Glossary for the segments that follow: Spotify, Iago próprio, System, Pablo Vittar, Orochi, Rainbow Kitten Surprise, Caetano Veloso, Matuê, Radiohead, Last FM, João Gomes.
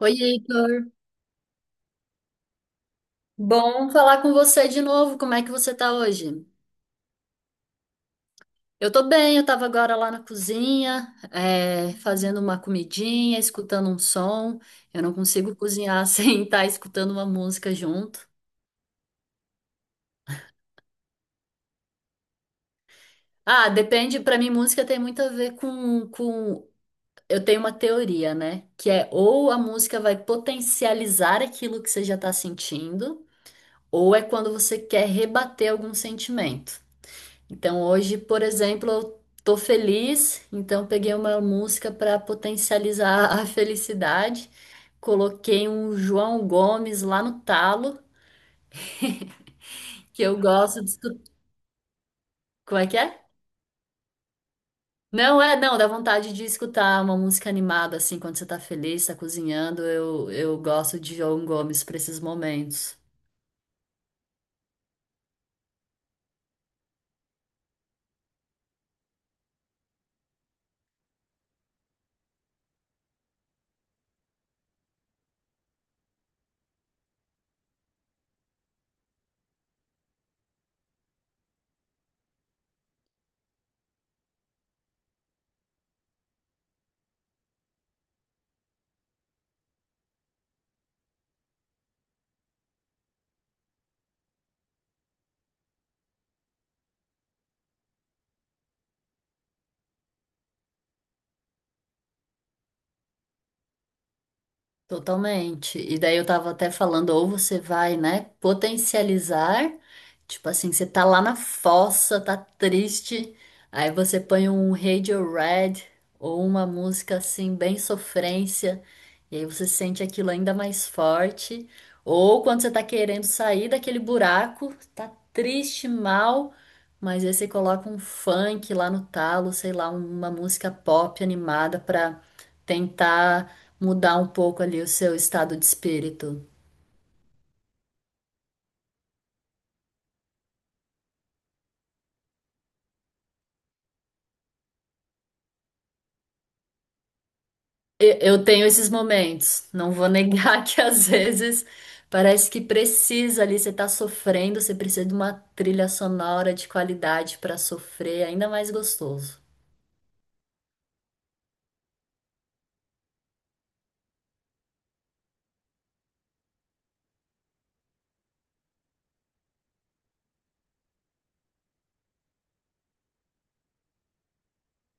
Oi, Heitor. Bom falar com você de novo. Como é que você tá hoje? Eu tô bem, eu tava agora lá na cozinha, é, fazendo uma comidinha, escutando um som. Eu não consigo cozinhar sem estar escutando uma música junto. Ah, depende, pra mim música tem muito a ver com. Eu tenho uma teoria, né? Que é ou a música vai potencializar aquilo que você já tá sentindo, ou é quando você quer rebater algum sentimento. Então hoje, por exemplo, eu tô feliz, então peguei uma música para potencializar a felicidade. Coloquei um João Gomes lá no talo, que eu gosto de escutar. Como é que é? Não é, não, dá vontade de escutar uma música animada assim quando você tá feliz, tá cozinhando. Eu gosto de João Gomes para esses momentos. Totalmente. E daí eu tava até falando, ou você vai, né, potencializar, tipo assim, você tá lá na fossa, tá triste, aí você põe um Radiohead ou uma música assim bem sofrência, e aí você sente aquilo ainda mais forte. Ou quando você tá querendo sair daquele buraco, tá triste, mal, mas aí você coloca um funk lá no talo, sei lá, uma música pop animada pra tentar mudar um pouco ali o seu estado de espírito. Eu tenho esses momentos, não vou negar que às vezes parece que precisa ali, você tá sofrendo, você precisa de uma trilha sonora de qualidade para sofrer, ainda mais gostoso.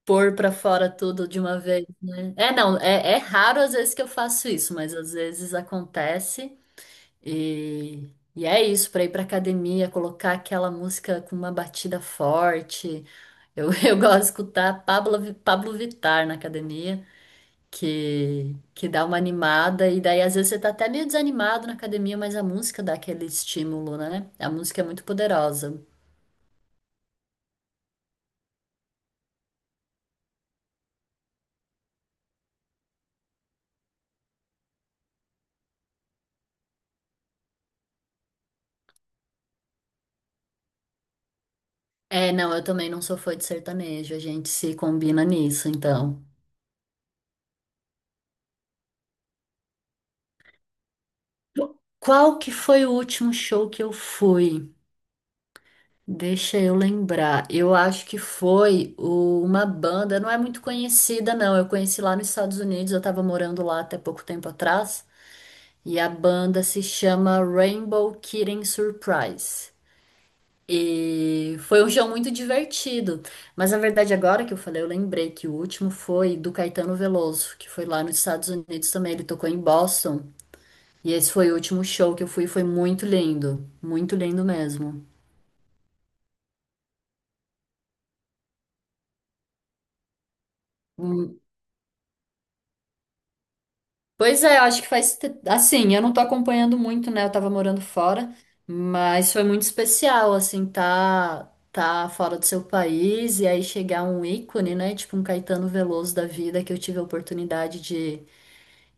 Pôr pra fora tudo de uma vez, né? É, não, é raro às vezes que eu faço isso, mas às vezes acontece. E é isso, para ir para academia, colocar aquela música com uma batida forte. Eu, eu gosto de escutar Pablo Vittar na academia, que dá uma animada. E daí, às vezes, você tá até meio desanimado na academia, mas a música dá aquele estímulo, né? A música é muito poderosa. É, não, eu também não sou fã de sertanejo, a gente se combina nisso, então. Qual que foi o último show que eu fui? Deixa eu lembrar. Eu acho que foi o- uma banda, não é muito conhecida, não. Eu conheci lá nos Estados Unidos, eu tava morando lá até pouco tempo atrás. E a banda se chama Rainbow Kitten Surprise. E foi um show muito divertido. Mas na verdade, agora que eu falei, eu lembrei que o último foi do Caetano Veloso, que foi lá nos Estados Unidos também. Ele tocou em Boston. E esse foi o último show que eu fui, foi muito lindo. Muito lindo mesmo. Pois é, eu acho que Assim, eu não tô acompanhando muito, né? Eu tava morando fora, mas foi muito especial, assim, tá, tá fora do seu país e aí chegar um ícone, né? Tipo um Caetano Veloso da vida que eu tive a oportunidade de,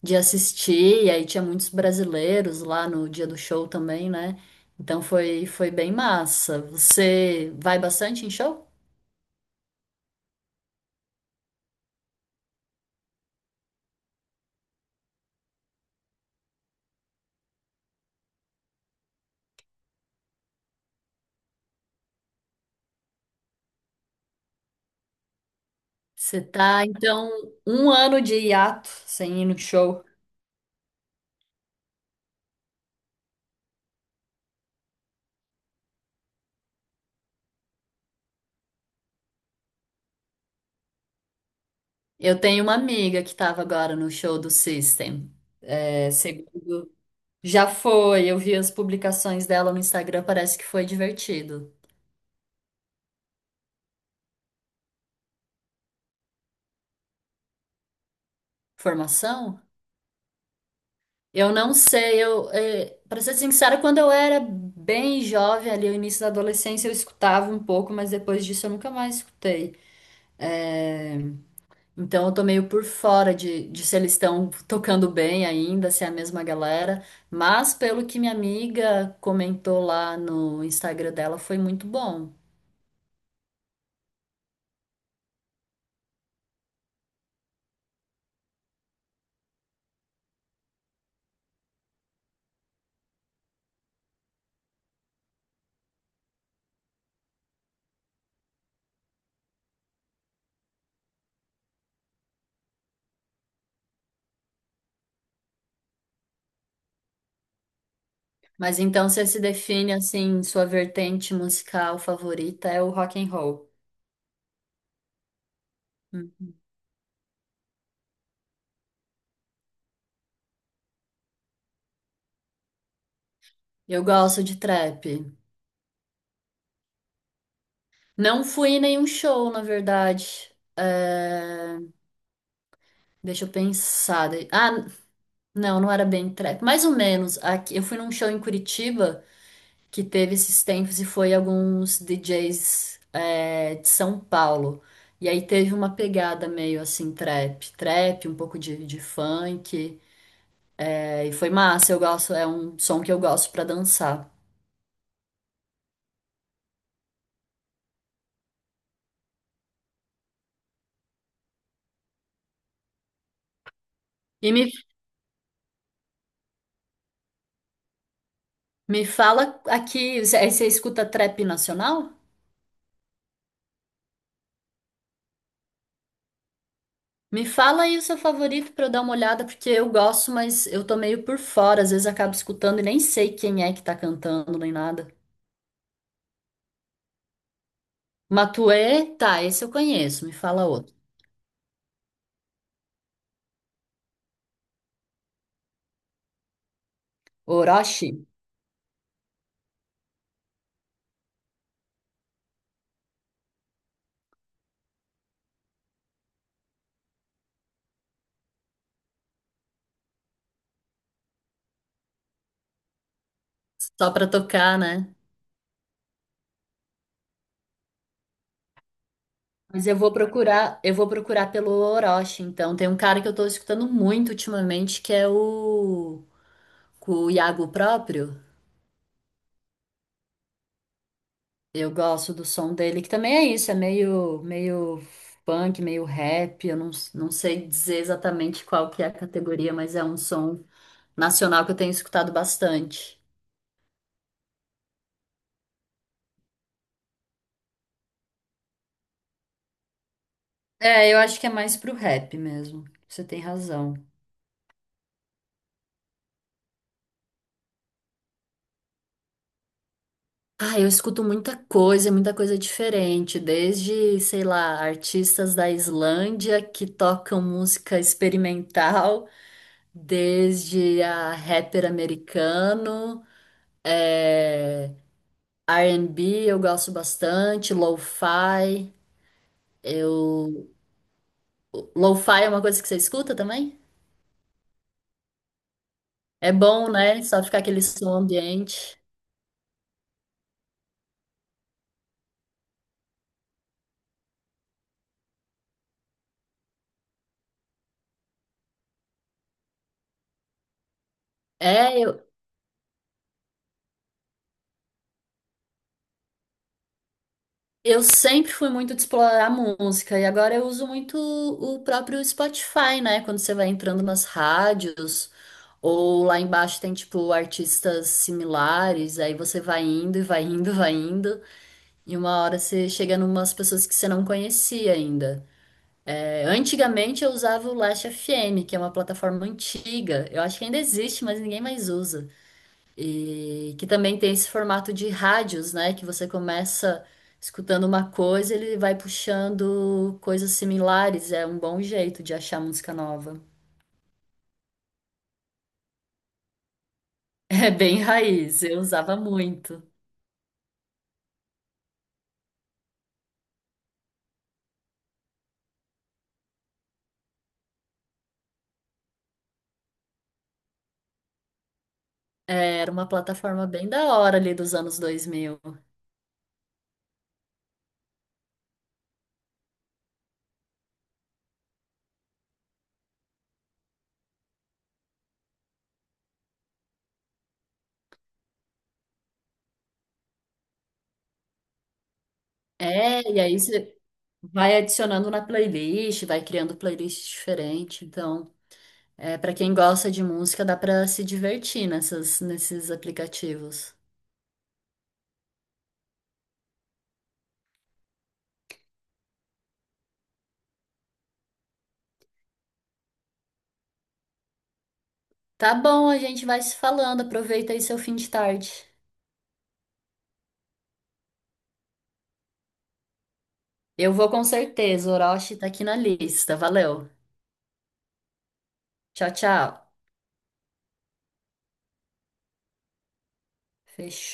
de assistir, e aí tinha muitos brasileiros lá no dia do show também, né? Então foi, foi bem massa. Você vai bastante em show? Você tá, então, um ano de hiato sem ir no show. Eu tenho uma amiga que estava agora no show do System. É, seg- Já foi, eu vi as publicações dela no Instagram, parece que foi divertido. Formação? Eu não sei, eu, é, para ser sincera, quando eu era bem jovem, ali no início da adolescência, eu escutava um pouco, mas depois disso eu nunca mais escutei. É, então eu tô meio por fora de se eles estão tocando bem ainda, se é a mesma galera. Mas pelo que minha amiga comentou lá no Instagram dela, foi muito bom. Mas então você se define assim, sua vertente musical favorita é o rock and roll. Hum. Eu gosto de trap. Não fui em nenhum show, na verdade. É, deixa eu pensar. Ah, não, não era bem trap. Mais ou menos. Aqui... Eu fui num show em Curitiba que teve esses tempos e foi alguns DJs é, de São Paulo. E aí teve uma pegada meio assim, trap, trap, um pouco de funk. É, e foi massa, eu gosto, é um som que eu gosto pra dançar. E me fala aqui, você- aí você escuta trap nacional? Me fala aí o seu favorito pra eu dar uma olhada, porque eu gosto, mas eu tô meio por fora, às vezes acabo escutando e nem sei quem é que tá cantando nem nada. Matuê, tá, esse eu conheço, me fala outro. Orochi, só pra tocar, né? Mas eu vou procurar pelo Orochi, então. Tem um cara que eu tô escutando muito ultimamente, que é o Iago próprio. Eu gosto do som dele, que também é isso, é meio funk, meio rap. Eu não sei dizer exatamente qual que é a categoria, mas é um som nacional que eu tenho escutado bastante. É, eu acho que é mais pro rap mesmo. Você tem razão. Ah, eu escuto muita coisa diferente, desde, sei lá, artistas da Islândia que tocam música experimental, desde a rapper americano. É. R&B eu gosto bastante, lo-fi, eu... Lo-fi é uma coisa que você escuta também? É bom, né? Só ficar aquele som ambiente. É, eu sempre fui muito de explorar música e agora eu uso muito o próprio Spotify, né? Quando você vai entrando nas rádios ou lá embaixo tem tipo artistas similares, aí você vai indo e vai indo, vai indo e uma hora você chega numas pessoas que você não conhecia ainda. Antigamente eu usava o Last FM, que é uma plataforma antiga. Eu acho que ainda existe, mas ninguém mais usa. E que também tem esse formato de rádios, né? Que você começa escutando uma coisa, ele vai puxando coisas similares. É um bom jeito de achar música nova. É bem raiz, eu usava muito. É, era uma plataforma bem da hora ali dos anos 2000. É, e aí você vai adicionando na playlist, vai criando playlist diferente. Então, é, para quem gosta de música, dá para se divertir nessas, nesses aplicativos. Tá bom, a gente vai se falando. Aproveita aí seu fim de tarde. Eu vou com certeza. O Orochi tá aqui na lista. Valeu. Tchau, tchau. Fechou.